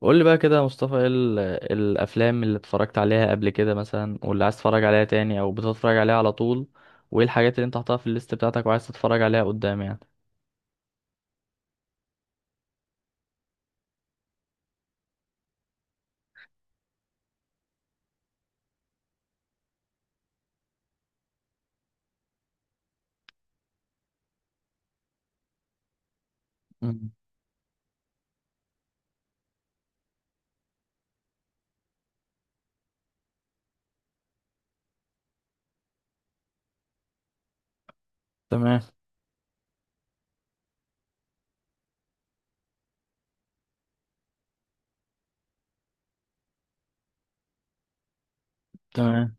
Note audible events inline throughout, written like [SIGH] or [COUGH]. قول لي بقى كده يا مصطفى ايه الافلام اللي اتفرجت عليها قبل كده مثلا واللي عايز تتفرج عليها تاني او بتتفرج عليها على طول وايه الحاجات اللي انت حاططها في الليست بتاعتك وعايز تتفرج عليها قدام يعني. مم. تمام. تمام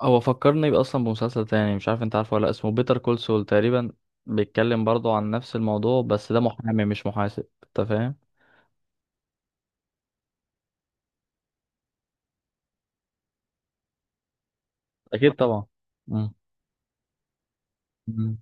هو فكرني بقى اصلا بمسلسل تاني، مش عارف انت عارفه ولا لأ، اسمه بيتر كول سول تقريبا. بيتكلم برضه عن نفس الموضوع، بس ده محامي مش محاسب، انت فاهم. اكيد طبعا. مم. مم.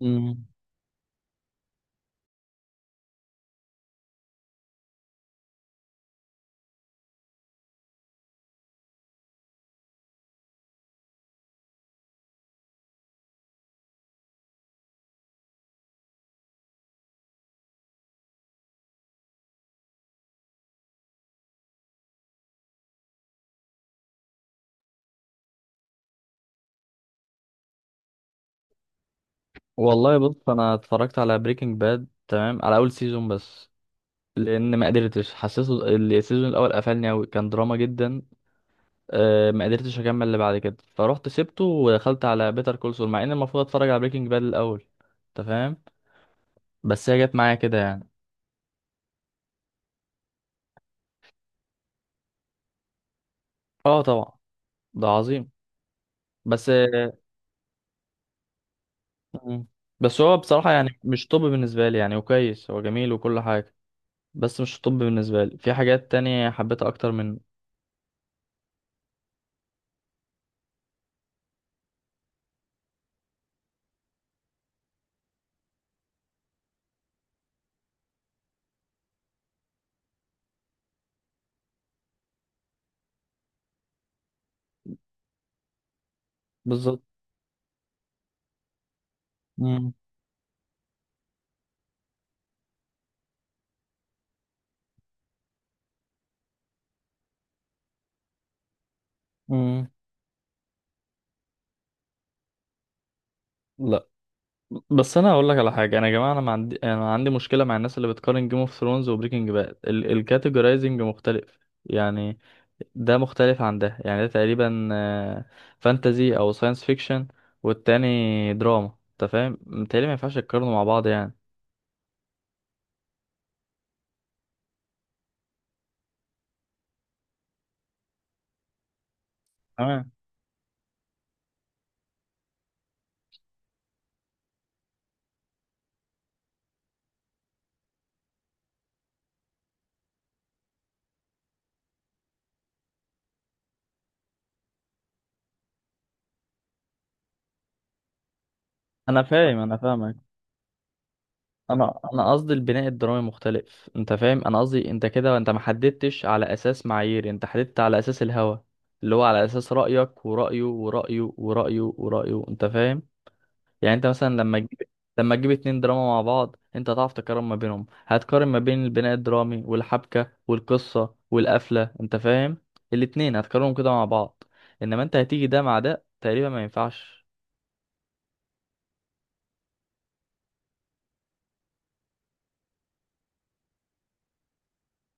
مم. والله بص، انا اتفرجت على بريكنج باد، تمام، على اول سيزون بس، لان ما قدرتش، حسيته السيزون الاول قفلني قوي، كان دراما جدا. ما قدرتش اكمل اللي بعد كده، فروحت سبته ودخلت على بيتر كول سول، مع ان المفروض اتفرج على بريكنج باد الاول، انت فاهم. بس هي جت معايا كده يعني. اه طبعا. ده عظيم. بس مم. بس هو بصراحة يعني مش طب بالنسبة لي يعني، وكويس هو جميل وكل حاجة. بس مش طب بالنسبة لي، في حاجات تانية حبيتها اكتر من. بالظبط. مم. مم. لا، بس انا هقول لك على حاجه، انا يا جماعه، انا ما عندي انا عندي مشكله مع الناس اللي بتقارن جيم اوف ثرونز وبريكنج باد، الكاتيجورايزنج مختلف يعني. ده مختلف عن ده. يعني ده تقريبا فانتزي او ساينس فيكشن، والتاني دراما، انت فاهم. متهيألي ما ينفعش تقارنوا مع بعض يعني. تمام. انا فاهمك. انا قصدي البناء الدرامي مختلف، انت فاهم. انا قصدي انت كده انت ما حددتش على اساس معايير، انت حددت على اساس الهوى، اللي هو على اساس رايك ورأيه ورأيه ورأيه ورأيه، انت فاهم. يعني انت مثلا لما تجيب اتنين دراما مع بعض، انت هتعرف تقارن ما بينهم، هتقارن ما بين البناء الدرامي والحبكة والقصة والقفلة، انت فاهم. الاتنين هتقارنهم كده مع بعض. انما انت هتيجي ده مع ده، تقريبا ما ينفعش.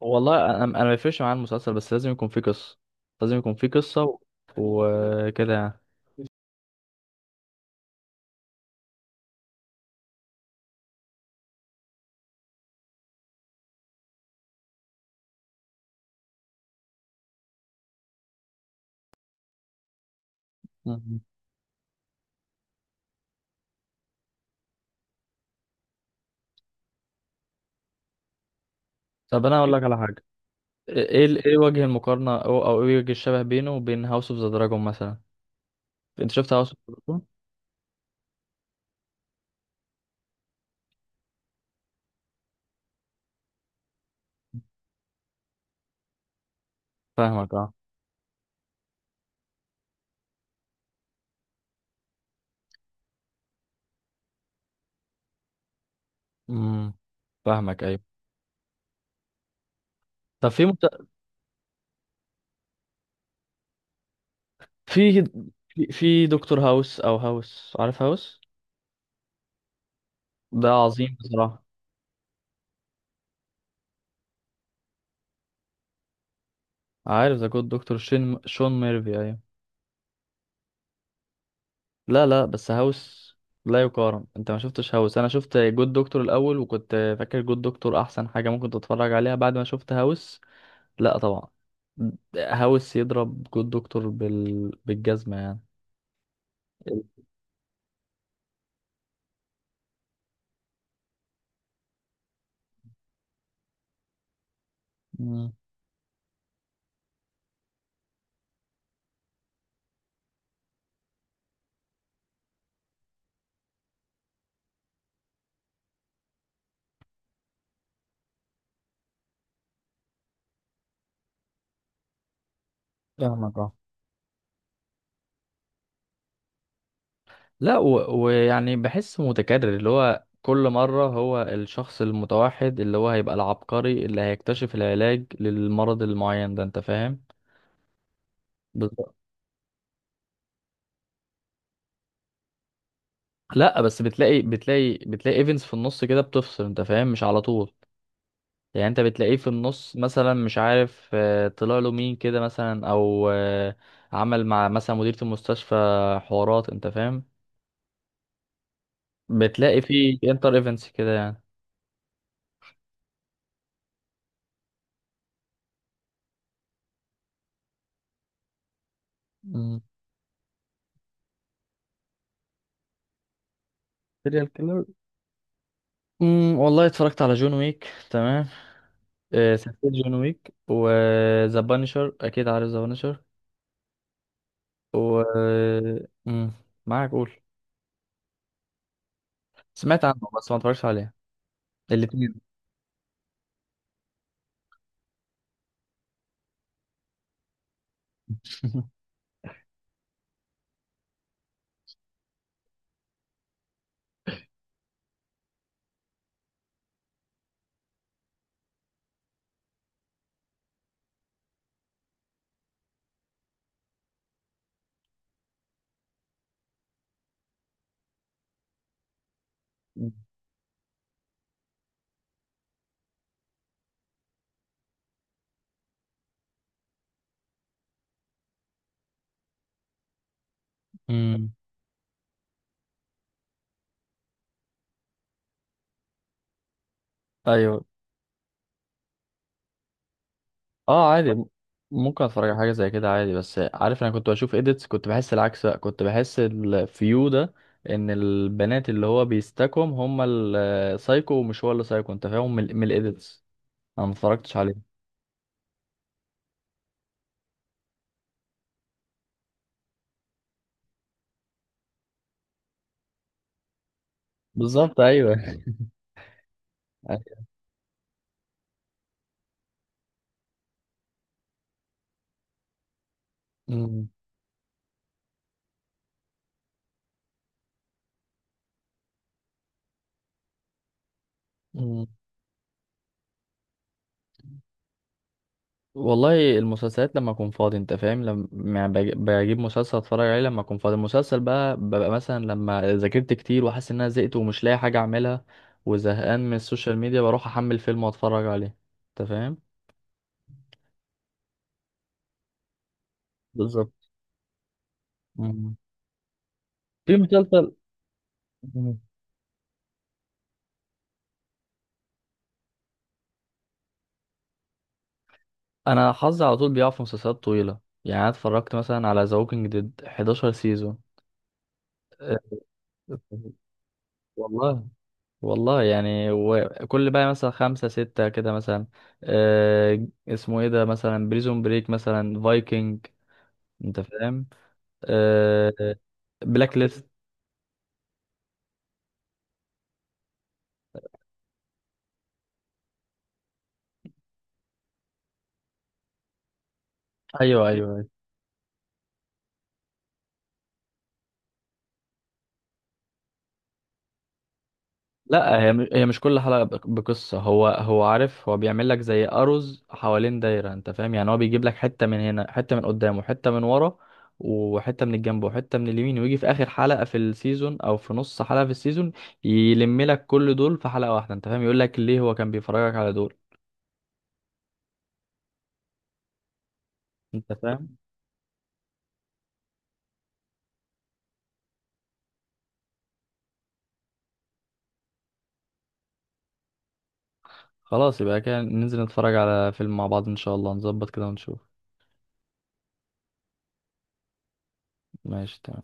والله انا ما يفرقش معايا المسلسل، بس لازم يكون فيه قصه. لازم يكون فيه قصه وكده يعني. مم. طب انا اقول لك على حاجه. ايه ايه وجه المقارنه، او او ايه وجه الشبه بينه وبين هاوس اوف ذا دراجون مثلا؟ انت شفت هاوس اوف ذا دراجون؟ فاهمك اه. امم. فاهمك ايوه. طب في في دكتور هاوس او هاوس، عارف هاوس. ده عظيم بصراحه. عارف ذا جود دكتور شين شون ميرفي، ايوه. لا لا، بس هاوس لا يقارن. انت ما شفتش هاوس. انا شفت جود دكتور الاول، وكنت فاكر جود دكتور احسن حاجه ممكن تتفرج عليها، بعد ما شفت هاوس لا طبعا. هاوس يضرب جود دكتور بالجزمه يعني. مم. فاهمك اه. لا، ويعني بحس متكرر، اللي هو كل مرة هو الشخص المتوحد اللي هو هيبقى العبقري اللي هيكتشف العلاج للمرض المعين ده، انت فاهم. لا، بس بتلاقي ايفنتس في النص كده بتفصل، انت فاهم، مش على طول. يعني انت بتلاقيه في النص مثلا مش عارف، طلع له مين كده مثلا، او عمل مع مثلا مديرة المستشفى، حوارات، انت فاهم. بتلاقي في انتر ايفنتس كده يعني. مم. سيريال كيلر. امم. والله اتفرجت على جون ويك، تمام، سلسلة جون ويك وذا بانشر، اكيد عارف ذا بانشر. و معاك قول. سمعت عنه بس ما اتفرجتش عليه. الاتنين. [LAUGHS] امم. ايوه. اه عادي ممكن اتفرج على حاجه زي كده عادي. بس عارف، انا كنت بشوف اديتس كنت بحس العكس بقى، كنت بحس الفيو ده ان البنات اللي هو بيستكم هم السايكو، ومش هو اللي سايكو، انت فاهم، من الاديتس. انا ما اتفرجتش عليه. بالظبط ايوه. [LAUGHS] أمم. والله المسلسلات لما اكون فاضي، انت فاهم، لما يعني بجيب مسلسل اتفرج عليه لما اكون فاضي. المسلسل بقى ببقى مثلا لما ذاكرت كتير وحاسس ان انا زهقت ومش لاقي حاجه اعملها وزهقان من السوشيال ميديا، بروح احمل فيلم واتفرج عليه، انت فاهم. بالظبط. مم. في مسلسل. مم. انا حظي على طول بيقع في مسلسلات طويله. يعني انا اتفرجت مثلا على ذا ووكينج ديد 11 سيزون. والله. والله يعني، وكل بقى مثلا خمسة ستة كده مثلا. آه اسمه ايه ده، مثلا بريزون بريك، مثلا فايكنج، انت فاهم. آه بلاك ليست. ايوه ايوه. لا هي هي مش كل حلقة بقصة. هو هو عارف، هو بيعمل لك زي أرز حوالين دايرة، انت فاهم يعني. هو بيجيب لك حتة من هنا، حتة من قدام، وحتة من ورا، وحتة من الجنب، وحتة من اليمين، ويجي في آخر حلقة في السيزون أو في نص حلقة في السيزون يلم لك كل دول في حلقة واحدة، انت فاهم. يقول لك ليه هو كان بيفرجك على دول. انت فاهم. خلاص يبقى كده ننزل نتفرج على فيلم مع بعض إن شاء الله، نظبط كده ونشوف. ماشي تمام.